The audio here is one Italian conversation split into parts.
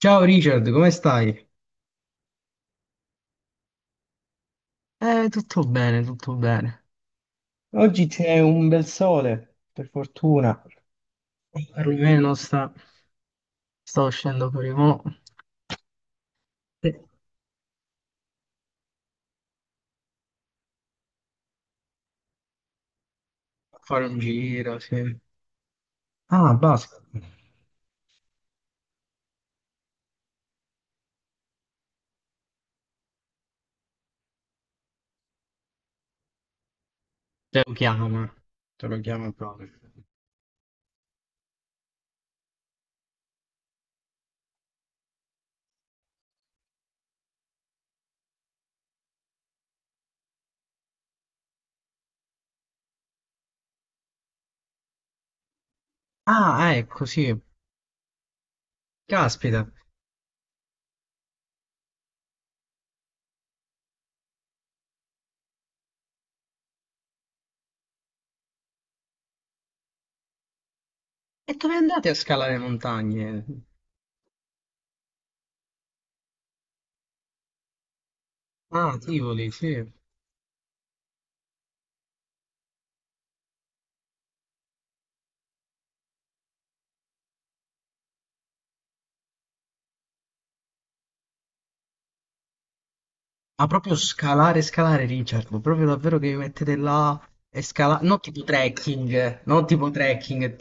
Ciao Richard, come stai? Tutto bene, tutto bene. Oggi c'è un bel sole, per fortuna. Perlomeno sta... sto uscendo per i mo. Sì. A fare un giro, sì. Ah, basta. Te lo chiama. Te lo chiama proprio. Ah, ecco, sì. Caspita. E dove andate a scalare montagne? Ah, Tivoli, sì. Ma proprio scalare, scalare, Richard. Proprio davvero che vi mettete là e scalare. Non tipo trekking, non tipo trekking.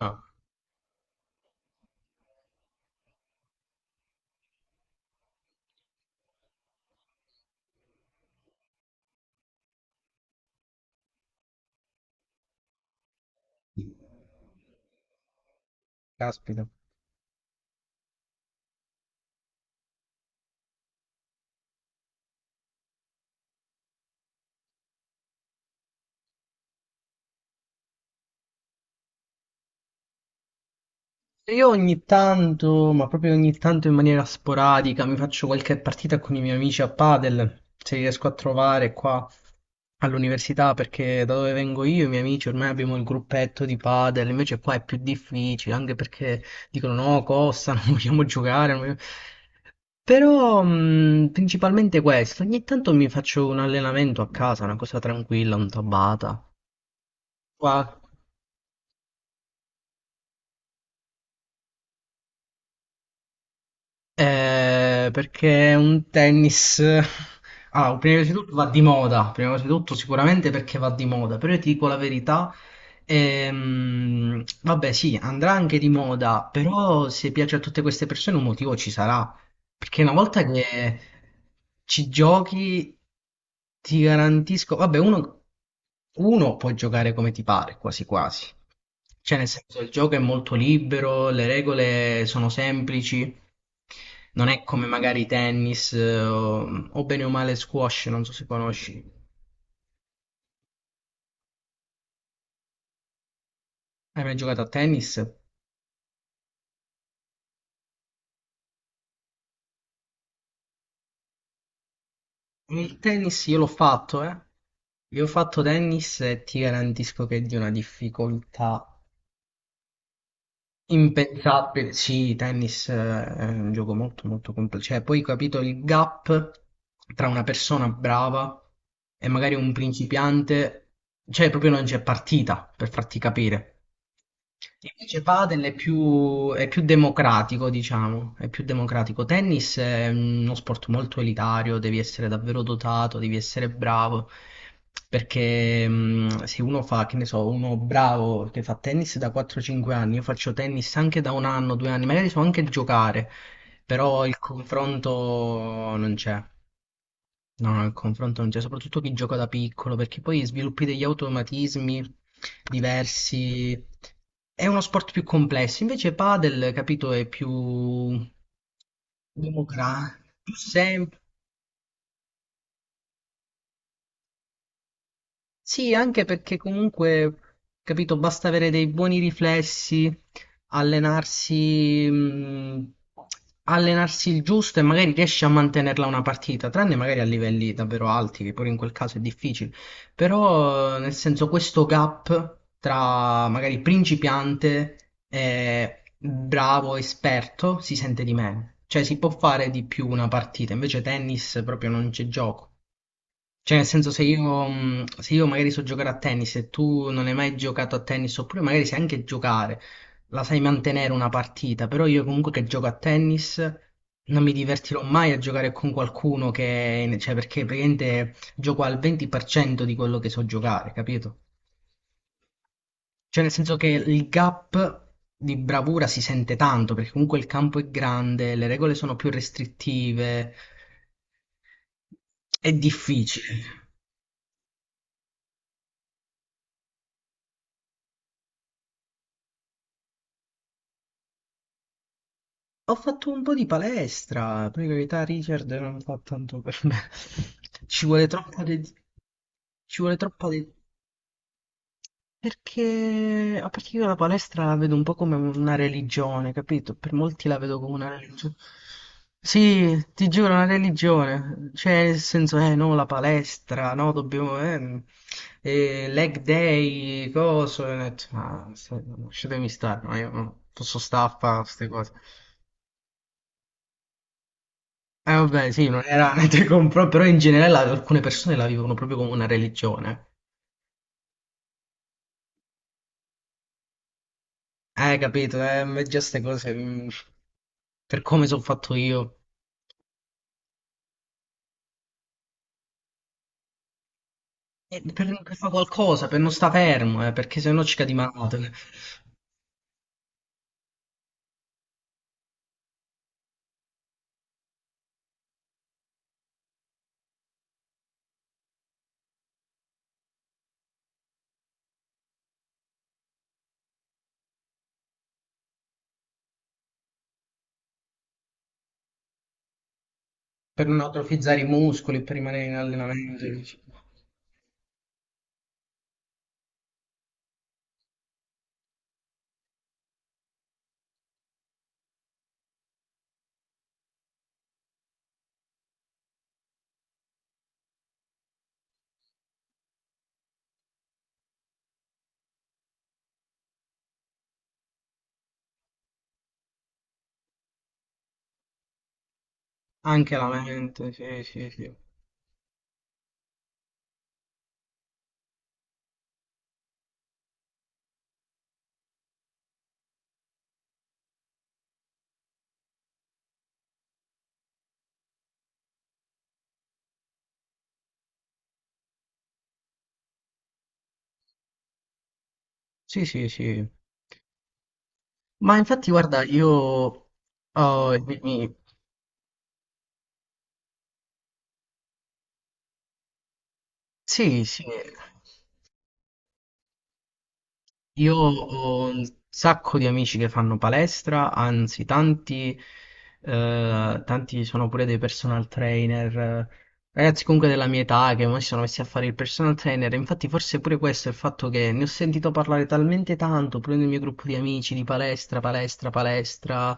Ah. Caspita. Io ogni tanto, ma proprio ogni tanto in maniera sporadica, mi faccio qualche partita con i miei amici a padel, se li riesco a trovare qua all'università, perché da dove vengo io, i miei amici, ormai abbiamo il gruppetto di padel, invece qua è più difficile, anche perché dicono no, costa, non vogliamo giocare. Non vogliamo-". Però principalmente questo, ogni tanto mi faccio un allenamento a casa, una cosa tranquilla, un tabata. Qua. Perché è un tennis. Allora, prima di tutto va di moda, prima di tutto sicuramente perché va di moda, però io ti dico la verità, vabbè sì, andrà anche di moda, però se piace a tutte queste persone un motivo ci sarà, perché una volta che ci giochi ti garantisco, vabbè uno, uno può giocare come ti pare, quasi quasi, cioè nel senso il gioco è molto libero, le regole sono semplici, non è come magari tennis o bene o male squash, non so se conosci. Hai mai giocato a tennis? Il tennis io l'ho fatto, eh. Io ho fatto tennis e ti garantisco che è di una difficoltà impensabile. Sì, tennis è un gioco molto molto complesso. Cioè, poi ho capito il gap tra una persona brava e magari un principiante, cioè proprio non c'è partita per farti capire. Invece padel è più democratico, diciamo, è più democratico. Tennis è uno sport molto elitario, devi essere davvero dotato, devi essere bravo, perché se uno fa, che ne so, uno bravo che fa tennis da 4-5 anni, io faccio tennis anche da un anno, due anni, magari so anche giocare, però il confronto non c'è. No, no, il confronto non c'è, soprattutto chi gioca da piccolo, perché poi sviluppi degli automatismi diversi. È uno sport più complesso, invece padel, capito, è più democratico, più semplice. Sì, anche perché comunque, capito, basta avere dei buoni riflessi, allenarsi, allenarsi il giusto e magari riesci a mantenerla una partita, tranne magari a livelli davvero alti, che pure in quel caso è difficile. Però, nel senso, questo gap tra magari principiante e bravo esperto si sente di meno. Cioè, si può fare di più una partita, invece tennis proprio non c'è gioco. Cioè, nel senso, se io, se io magari so giocare a tennis e tu non hai mai giocato a tennis, oppure magari sai anche giocare, la sai mantenere una partita, però io comunque che gioco a tennis non mi divertirò mai a giocare con qualcuno che, cioè, perché praticamente gioco al 20% di quello che so giocare, capito? Cioè, nel senso che il gap di bravura si sente tanto, perché comunque il campo è grande, le regole sono più restrittive, è difficile. Ho fatto un po' di palestra, per carità Richard non fa tanto per me. Ci vuole troppa dedizione. Ci vuole troppa dedizione. Perché, a parte che io la palestra la vedo un po' come una religione, capito? Per molti la vedo come una religione. Sì, ti giuro, una religione. Cioè, nel senso, no, la palestra, no, dobbiamo, leg day, coso. E ho detto, "Ma, lasciatemi stare, no, io no, posso stare a fare queste cose. Vabbè, sì, non era niente compro, però in generale alcune persone la vivono proprio come una religione. Capito? Ma già ste cose, mm, per come sono fatto io. Per fare qualcosa, per non sta fermo, perché sennò ci cadi male, cioè, per non atrofizzare i muscoli, per rimanere in allenamento. Dici. Anche la mente, sì, sì, sì. Sì, sì, sì. Ma infatti, guarda, io... oh, sì, sì. Io ho un sacco di amici che fanno palestra, anzi tanti, tanti sono pure dei personal trainer, ragazzi comunque della mia età che ormai si sono messi a fare il personal trainer, infatti forse pure questo è il fatto che ne ho sentito parlare talmente tanto, pure nel mio gruppo di amici di palestra, palestra, palestra,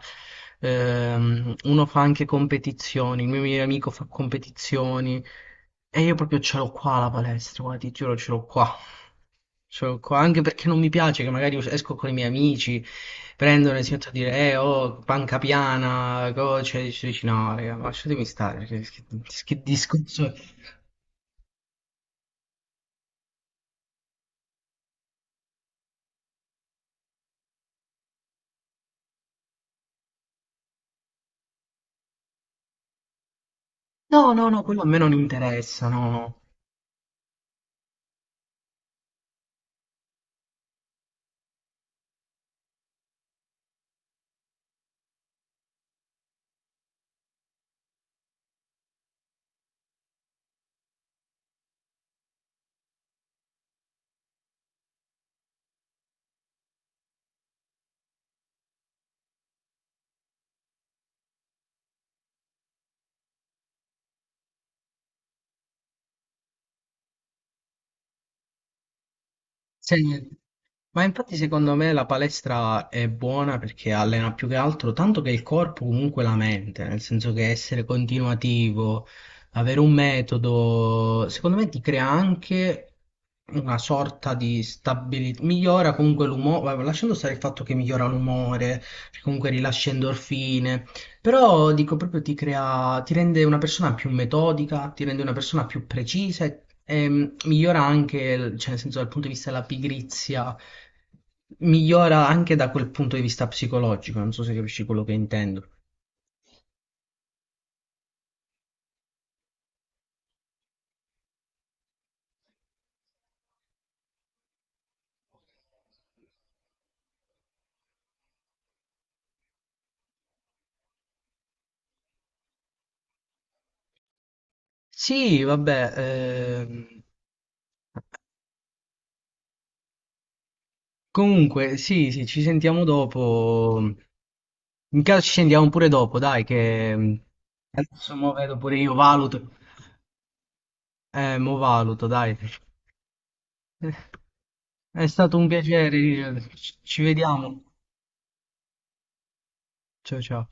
uno fa anche competizioni, il mio migliore amico fa competizioni e io proprio ce l'ho qua la palestra, guarda, ti giuro ce l'ho qua. Cioè, anche perché non mi piace che magari esco con i miei amici, prendono e si mettono a dire, oh, panca piana, cioè, dici, dici, no, raga, ma lasciatemi stare, perché che discorso è? No, no, no, quello a me non interessa, no, no. Se- Ma infatti secondo me la palestra è buona perché allena più che altro tanto che il corpo comunque la mente, nel senso che essere continuativo, avere un metodo, secondo me ti crea anche una sorta di stabilità, migliora comunque l'umore, vabbè, lasciando stare il fatto che migliora l'umore, comunque rilascia endorfine, però dico proprio ti crea, ti rende una persona più metodica, ti rende una persona più precisa e migliora anche, cioè nel senso dal punto di vista della pigrizia, migliora anche da quel punto di vista psicologico, non so se capisci quello che intendo. Sì, vabbè, ehm, comunque sì, sì, ci sentiamo dopo. In caso ci sentiamo pure dopo, dai, che mm, adesso mo vedo pure io, valuto. Mo valuto, dai. Eh, È stato un piacere, Lilian. Ci vediamo. Ciao ciao.